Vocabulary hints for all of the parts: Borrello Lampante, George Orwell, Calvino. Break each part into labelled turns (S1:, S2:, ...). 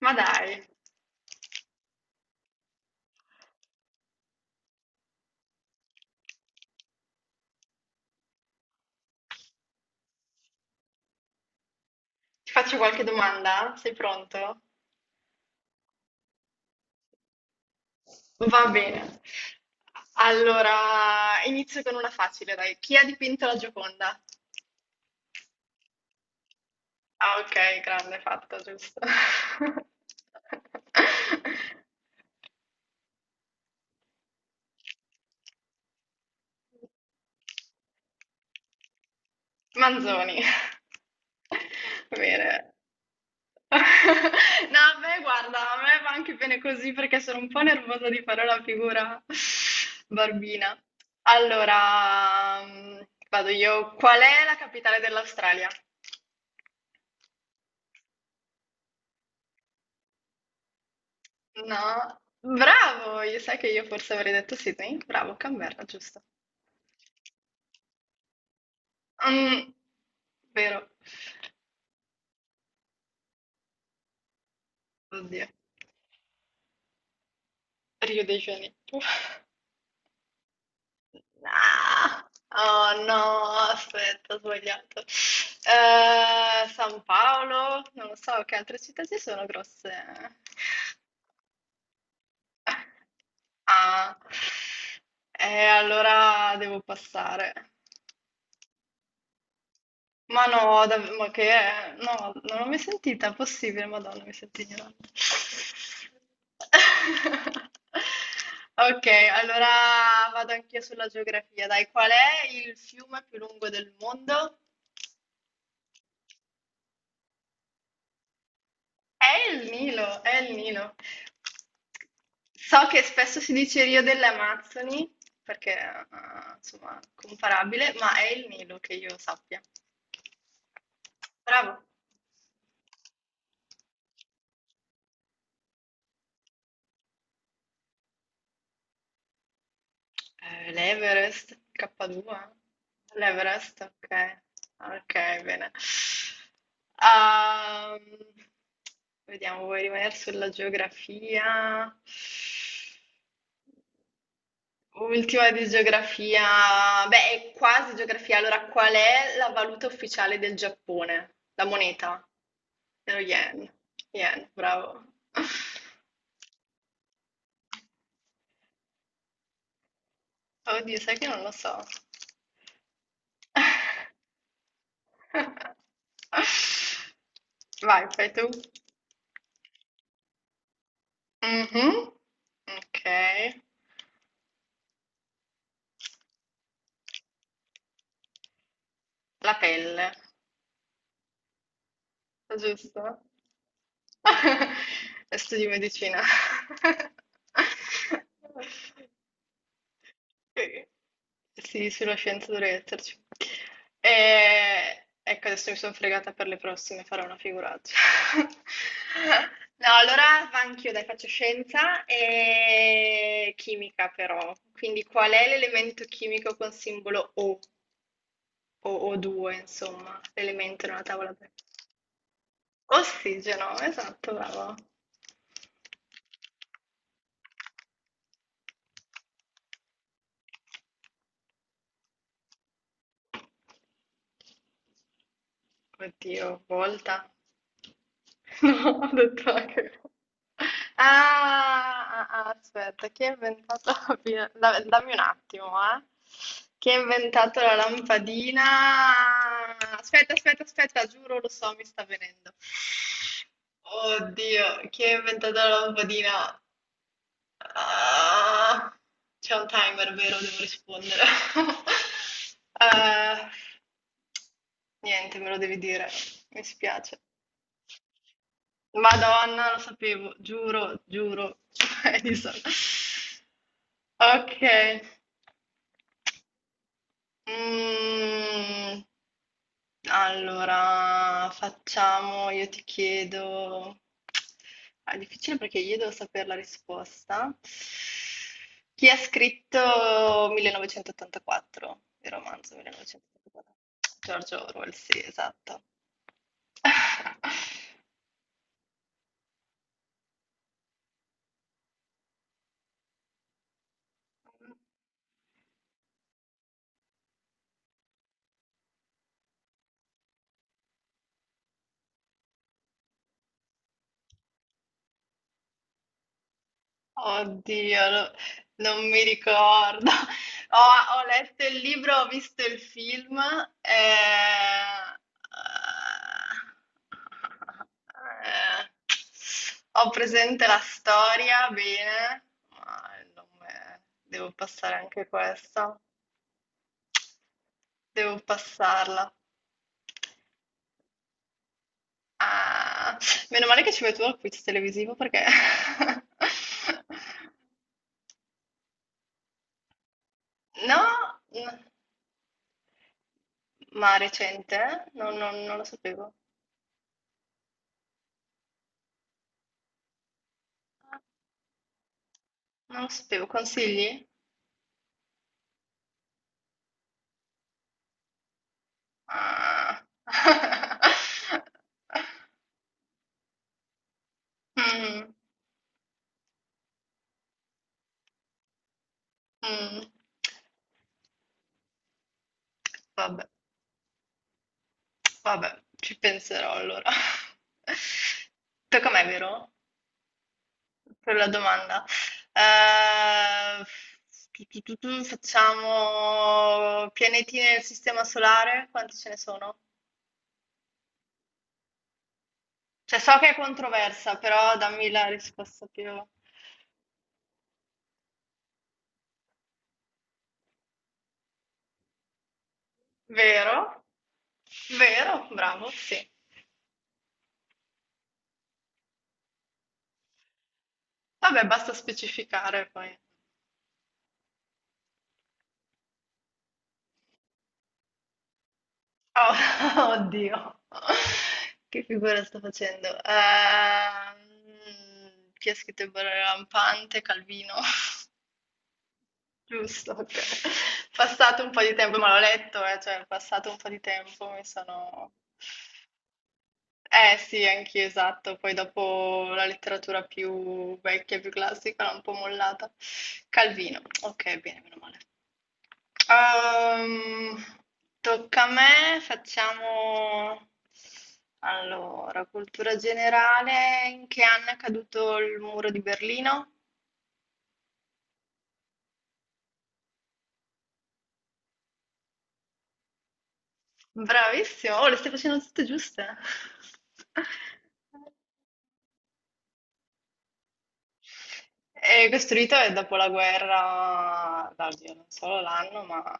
S1: Ma dai, ti faccio qualche domanda? Sei pronto? Va bene. Allora, inizio con una facile, dai. Chi ha dipinto la Gioconda? Ah, ok, grande fatto, giusto. Manzoni. Bene. No, beh, guarda, a me va anche bene così perché sono un po' nervosa di fare la figura barbina. Allora, vado io. Qual è la capitale dell'Australia? No, bravo, io sai che io forse avrei detto Sydney? Bravo, Canberra, giusto. Mm, vero. Oddio, Rio de Janeiro. Ah! Oh no, aspetta, ho sbagliato. San Paolo, non lo so che altre città ci sono grosse. Ah, e allora devo passare. Ma no, ma che è? No, non l'ho mai sentita, è possibile, Madonna, mi sento ignorante. Ok, allora vado anch'io sulla geografia. Dai, qual è il fiume più lungo del mondo? È il Nilo, è il Nilo. So che spesso si dice Rio delle Amazzoni, perché insomma, comparabile, ma è il Nilo che io sappia. Bravo. l'Everest, K2, l'Everest, ok. Ok, bene. Ehm, vediamo, vuoi rimanere sulla geografia? Ultima di geografia, beh, è quasi geografia. Allora, qual è la valuta ufficiale del Giappone? La moneta? Lo yen. Yen, bravo. Oddio, sai che non lo so. Vai, fai tu. Mhm. Ok. La pelle, giusto? Studi medicina. Eh, sì, sulla scienza dovrei esserci. E... Ecco, adesso mi sono fregata per le prossime, farò una figuraccia. No, allora va anch'io, dai, faccio scienza e chimica però. Quindi qual è l'elemento chimico con simbolo O o O2, insomma, l'elemento in una tavola periodica? Ossigeno, esatto, bravo. Oddio, volta. No, ho detto la cagata. Ah, ah, ah, aspetta, chi ha inventato la pila- Dammi un attimo, eh. Chi ha inventato la lampadina? Aspetta, aspetta, aspetta, giuro, lo so, mi sta venendo. Oddio, chi ha inventato la lampadina? Ah, c'è un timer, vero? Devo rispondere. Eh, niente, me lo devi dire. Mi spiace. Madonna, lo sapevo, giuro, giuro. Edison. Ok. Mm, allora, facciamo, io ti chiedo... Ah, è difficile perché io devo sapere la risposta. Chi ha scritto 1984? Il romanzo 1984. George Orwell, sì, esatto. Oddio, non mi ricordo. Ho letto il libro, ho visto il film. eh, eh, ho presente la storia, bene. Devo passare anche questa. Devo passarla. Ah, meno male che ci vai tu al quiz televisivo perché... No? Ma recente? No, no, non lo sapevo. Non lo sapevo. Consigli? Ah. Mm, mm. Vabbè, vabbè, ci penserò allora. Tocca a me, vero? Per la domanda. Eh, tu, facciamo pianeti nel sistema solare? Quanti ce ne sono? Cioè, so che è controversa, però dammi la risposta più... Vero? Vero? Bravo, sì. Vabbè, basta specificare poi. Oh, oddio, che figura sto facendo? Chi ha scritto il Borrello Lampante? Calvino. Giusto, ok. Passato un po' di tempo, ma l'ho letto, cioè, passato un po' di tempo mi sono... Eh sì, anch'io, esatto. Poi dopo la letteratura più vecchia, più classica, l'ho un po' mollata. Calvino, ok, bene, meno male. Ehm, tocca a me, facciamo allora, cultura generale, in che anno è caduto il muro di Berlino? Bravissimo, oh, le stai facendo tutte giuste. È costruito dopo la guerra, no, oddio, non solo l'anno, ma...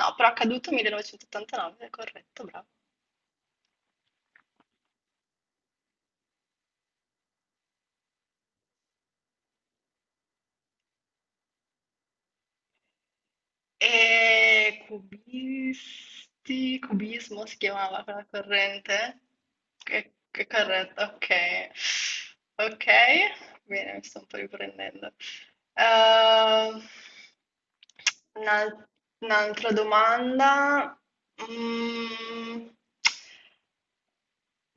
S1: No, però è caduto 1989, è corretto, bravo. E cubisti, cubismo si chiamava quella corrente? Che corrente? Ok, ok, bene, mi sto un po' riprendendo. Ehm, un'al- un'altra domanda. Mm,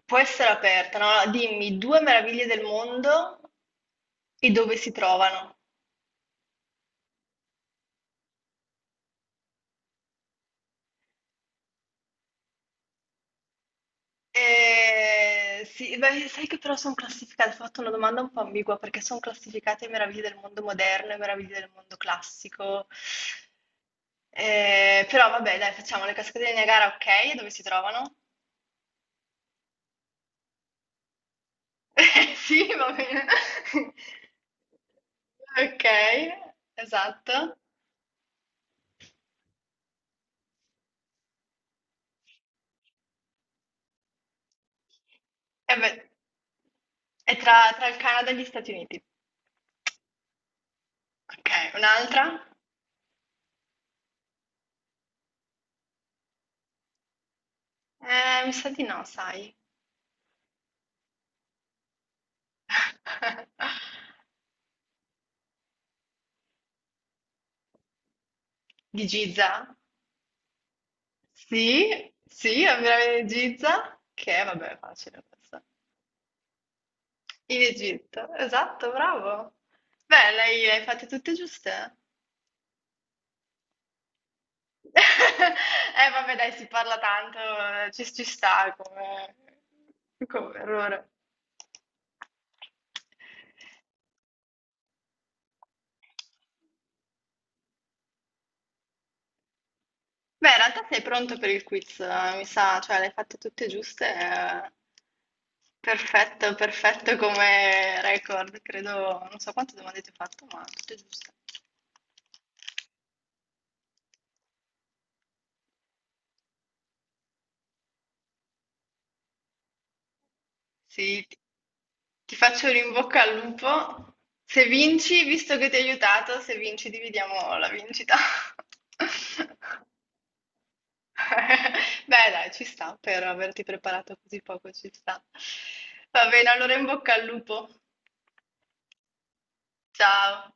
S1: Può essere aperta, no? Allora, dimmi due meraviglie del mondo e dove si trovano. Sì, beh, sai che però son classificate ho fatto una domanda un po' ambigua, perché son classificate meraviglie del mondo moderno e meraviglie del mondo classico. Però vabbè dai, facciamo le cascate del Niagara, okay, e dove si trovano? Sì, va bene. Okay, esatto. Eh beh. È tra il Canada e gli Stati Uniti. Okay, un'altra? Mi sa di no, sai. Di Giza? Sì, sì, la piramide di Giza, che vabbè, è facile questa. In Egitto, esatto, bravo. Beh, lei le hai fatte tutte giuste. Vabbè, dai, si parla tanto, ci sta come errore. Beh, in realtà sei pronto per il quiz, mi sa, cioè le hai fatte tutte giuste. Perfetto, perfetto come record, credo, non so quante domande ti ho fatto, ma tutte giuste. Sì, ti faccio un in bocca al lupo. Se vinci, visto che ti ho aiutato, se vinci dividiamo la vincita. Beh, dai, ci sta, per averti preparato così poco ci sta. Va bene, allora in bocca al lupo. Ciao.